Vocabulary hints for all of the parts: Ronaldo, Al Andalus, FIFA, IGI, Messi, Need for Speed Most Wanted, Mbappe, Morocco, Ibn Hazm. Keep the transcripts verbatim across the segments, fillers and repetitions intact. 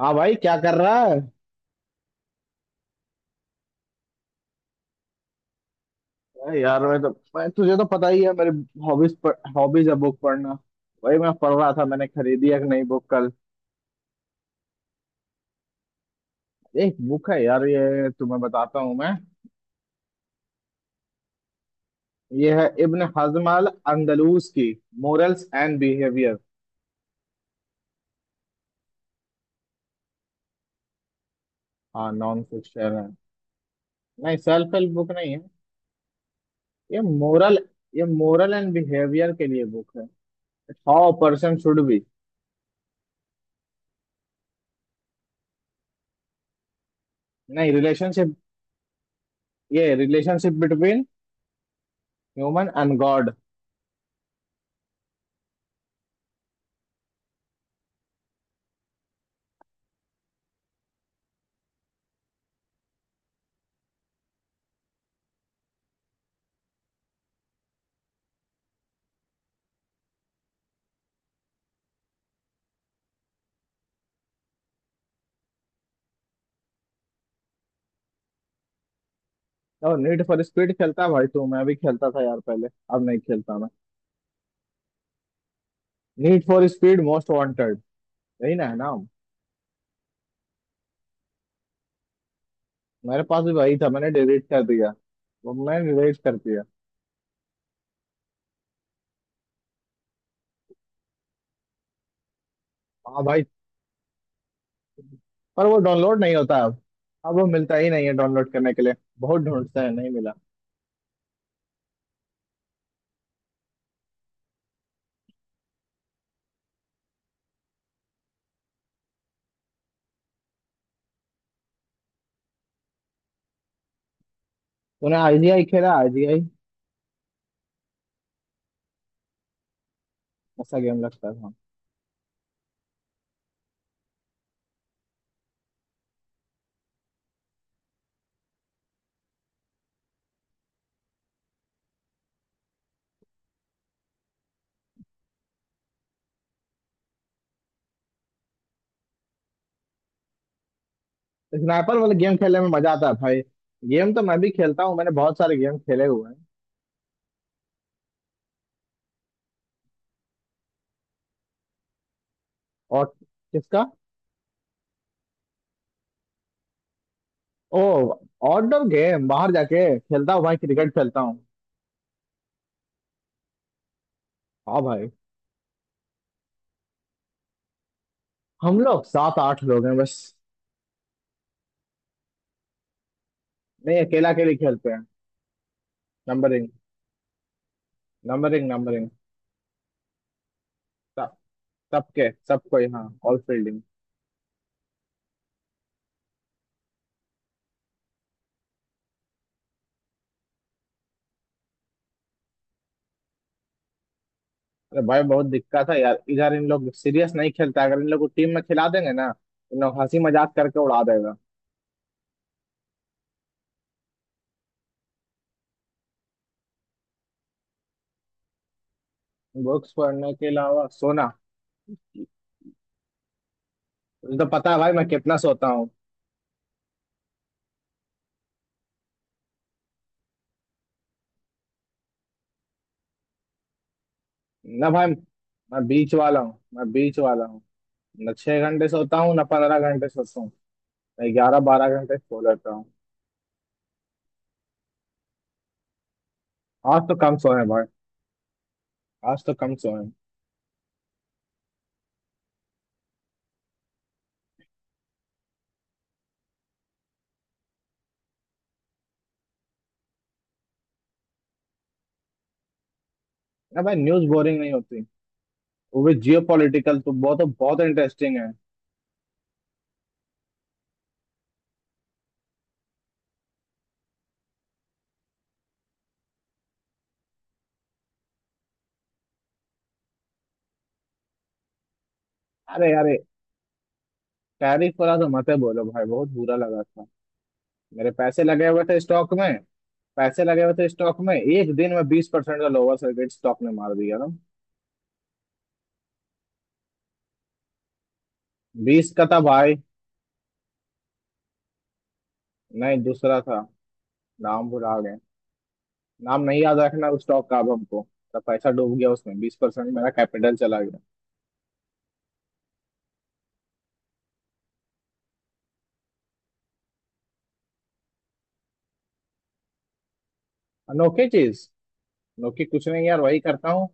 हाँ भाई, क्या कर रहा है। अरे यार, मैं तो... मैं तुझे तो पता ही है मेरी हॉबीज हॉबीज है बुक पढ़ना। वही मैं पढ़ रहा था। मैंने खरीदी एक नई बुक कल। एक बुक है यार, ये तुम्हें बताता हूँ मैं। ये है इब्न हजम अल अंदलूस की, मोरल्स एंड बिहेवियर। हाँ, नॉन फिक्शन है। नहीं, सेल्फ हेल्प बुक नहीं है। ये मोरल ये मोरल एंड बिहेवियर के लिए बुक है। How person should be. नहीं, रिलेशनशिप। ये relationship between human and God. और नीड फॉर स्पीड खेलता है भाई तू? मैं भी खेलता था यार पहले। अब नहीं खेलता मैं। Need for speed most wanted, यही ना है नाम? मेरे पास भी वही था, मैंने डिलीट कर दिया। वो मैंने डिलीट कर दिया। हाँ भाई। पर वो डाउनलोड नहीं होता अब। अब वो मिलता ही नहीं है डाउनलोड करने के लिए। बहुत ढूंढता है, नहीं मिला। तूने आईजीआई खेला, आईजीआई? ऐसा गेम लगता था। स्नाइपर वाले गेम खेलने में मजा आता है भाई। गेम तो मैं भी खेलता हूँ, मैंने बहुत सारे गेम खेले हुए हैं। और... किसका? ओ, आउटडोर गेम बाहर जाके खेलता हूँ भाई, क्रिकेट खेलता हूँ। हाँ भाई। हम लोग सात आठ लोग हैं बस। नहीं, अकेला अकेले खेलते हैं। Numbering numbering numbering. सब। सबके सबको ही, हाँ, ऑल फील्डिंग। अरे भाई, बहुत दिक्कत है यार। इधर इन लोग सीरियस नहीं खेलता। अगर इन लोग को टीम में खिला देंगे ना, इन लोग हंसी मजाक करके उड़ा देगा। बुक्स पढ़ने के अलावा सोना। तुझे तो पता है भाई मैं कितना सोता हूँ। ना भाई। मैं बीच वाला हूँ। मैं बीच वाला हूँ। न छह घंटे सोता हूँ, ना पंद्रह घंटे सोता हूँ। मैं ग्यारह बारह घंटे सो लेता हूँ। आज तो कम सोए भाई। आज तो कम सोए। अरे भाई, न्यूज बोरिंग नहीं होती। वो भी जियो पॉलिटिकल तो बहुत बहुत इंटरेस्टिंग है। अरे अरे, टैरिफ वाला तो मत ही बोलो भाई, बहुत बुरा लगा था। मेरे पैसे लगे हुए थे स्टॉक में। पैसे लगे हुए थे स्टॉक में, एक दिन में बीस परसेंट का लोअर सर्किट स्टॉक ने मार दिया ना। बीस का था भाई। नहीं, दूसरा था। नाम भुला गए। नाम नहीं याद रखना उस स्टॉक का अब हमको। तो पैसा डूब गया उसमें, बीस परसेंट मेरा कैपिटल चला गया। अनोखी चीज अनोखी कुछ नहीं यार, वही करता हूँ।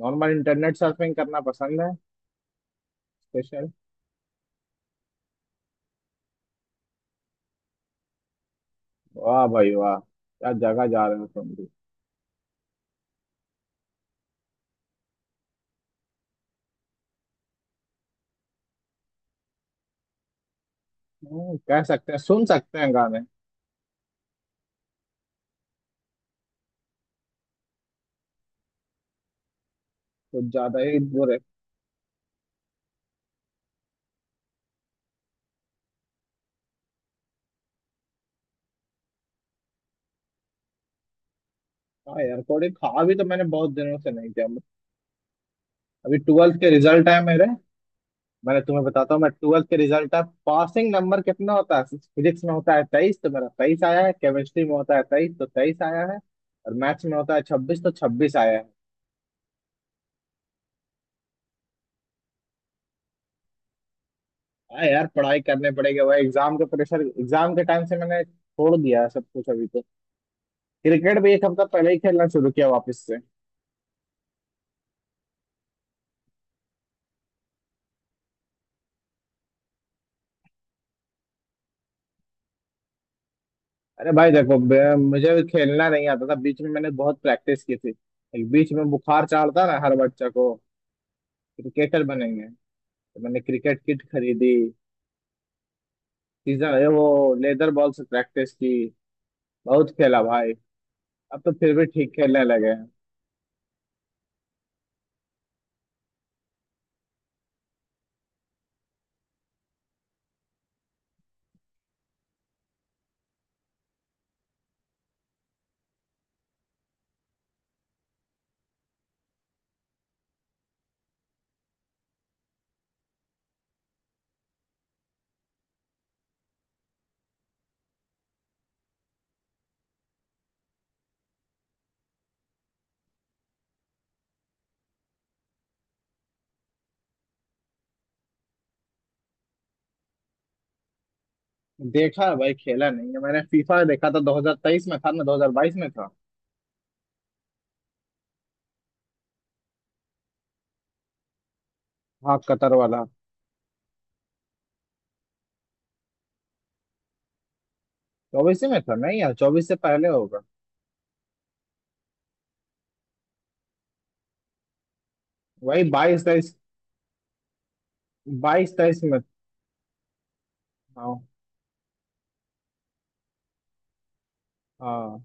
नॉर्मल इंटरनेट सर्फिंग करना पसंद है। वाह भाई वाह, क्या जगह जा रहे हो तुम भी। हम्म, कह सकते हैं, सुन सकते हैं गाने। कुछ ज्यादा ही बुरे। हाँ यार, थोड़ी खा भी, तो मैंने बहुत दिनों से नहीं किया। अभी ट्वेल्थ के रिजल्ट है मेरे। मैंने तुम्हें बताता हूँ मैं, ट्वेल्थ के रिजल्ट है। पासिंग नंबर कितना होता है? फिजिक्स में होता है तेईस, तो मेरा तेईस आया है। केमिस्ट्री में होता है तेईस, तो तेईस आया है। और मैथ्स में होता है छब्बीस, तो छब्बीस आया है। हाँ यार, पढ़ाई करने पड़ेगी। वह एग्जाम के प्रेशर, एग्जाम के टाइम से मैंने छोड़ दिया है सब कुछ अभी तो। क्रिकेट भी एक हफ्ता पहले ही खेलना शुरू किया वापस से। अरे भाई देखो, बे- मुझे खेलना नहीं आता था। बीच में मैंने बहुत प्रैक्टिस की थी। एक बीच में बुखार चढ़ता ना हर बच्चा को, क्रिकेटर बनेंगे। तो मैंने क्रिकेट किट खरीदी। सीजन ये वो लेदर बॉल से प्रैक्टिस की। बहुत खेला भाई। अब तो फिर भी ठीक खेलने लगे हैं। देखा है भाई, खेला नहीं है। मैंने फीफा देखा था दो हज़ार तेईस में था ना, दो हज़ार बाईस में था। हाँ, कतर वाला। चौबीस में था नहीं यार, चौबीस से पहले होगा। वही बाईस तेईस। बाईस तेईस में। हाँ हाँ।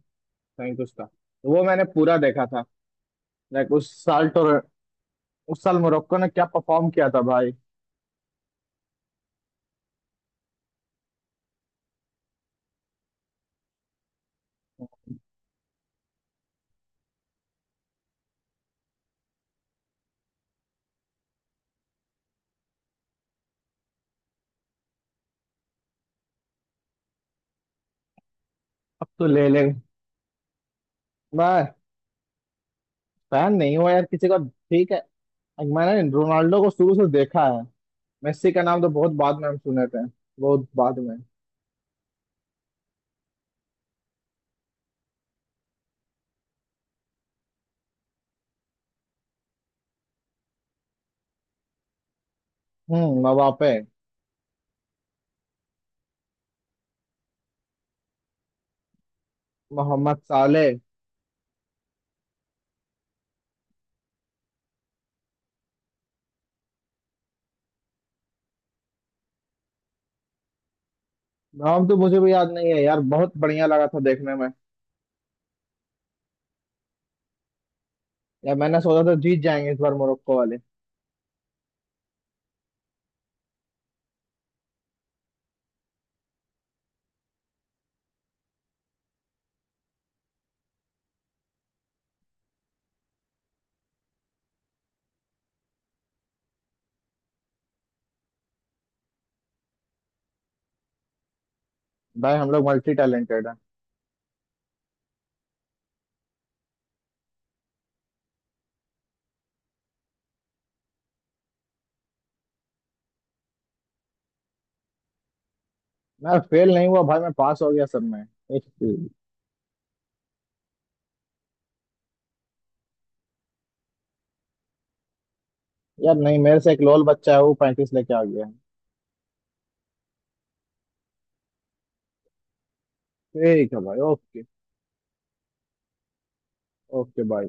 कहीं कुछ था तो वो मैंने पूरा देखा था। लाइक उस साल तो... उस साल मोरक्को ने क्या परफॉर्म किया था भाई। अब तो ले ले। मैं... फैन नहीं हुआ यार किसी का, ठीक है। मैंने रोनाल्डो को शुरू से देखा है। मेस्सी का नाम तो बहुत बाद में हम सुने थे। बहुत बाद में। हम्म, मवापे। मोहम्मद साले। नाम तो मुझे भी याद नहीं है यार। बहुत बढ़िया लगा था देखने में। यार, मैंने सोचा था जीत जाएंगे इस बार मोरक्को वाले। भाई, हम लोग मल्टी टैलेंटेड है। मैं फेल नहीं हुआ भाई, मैं पास हो गया सब में। एक- यार नहीं, मेरे से एक लोल बच्चा है, वो पैंतीस लेके आ गया। ठीक है भाई, ओके। Okay, bye.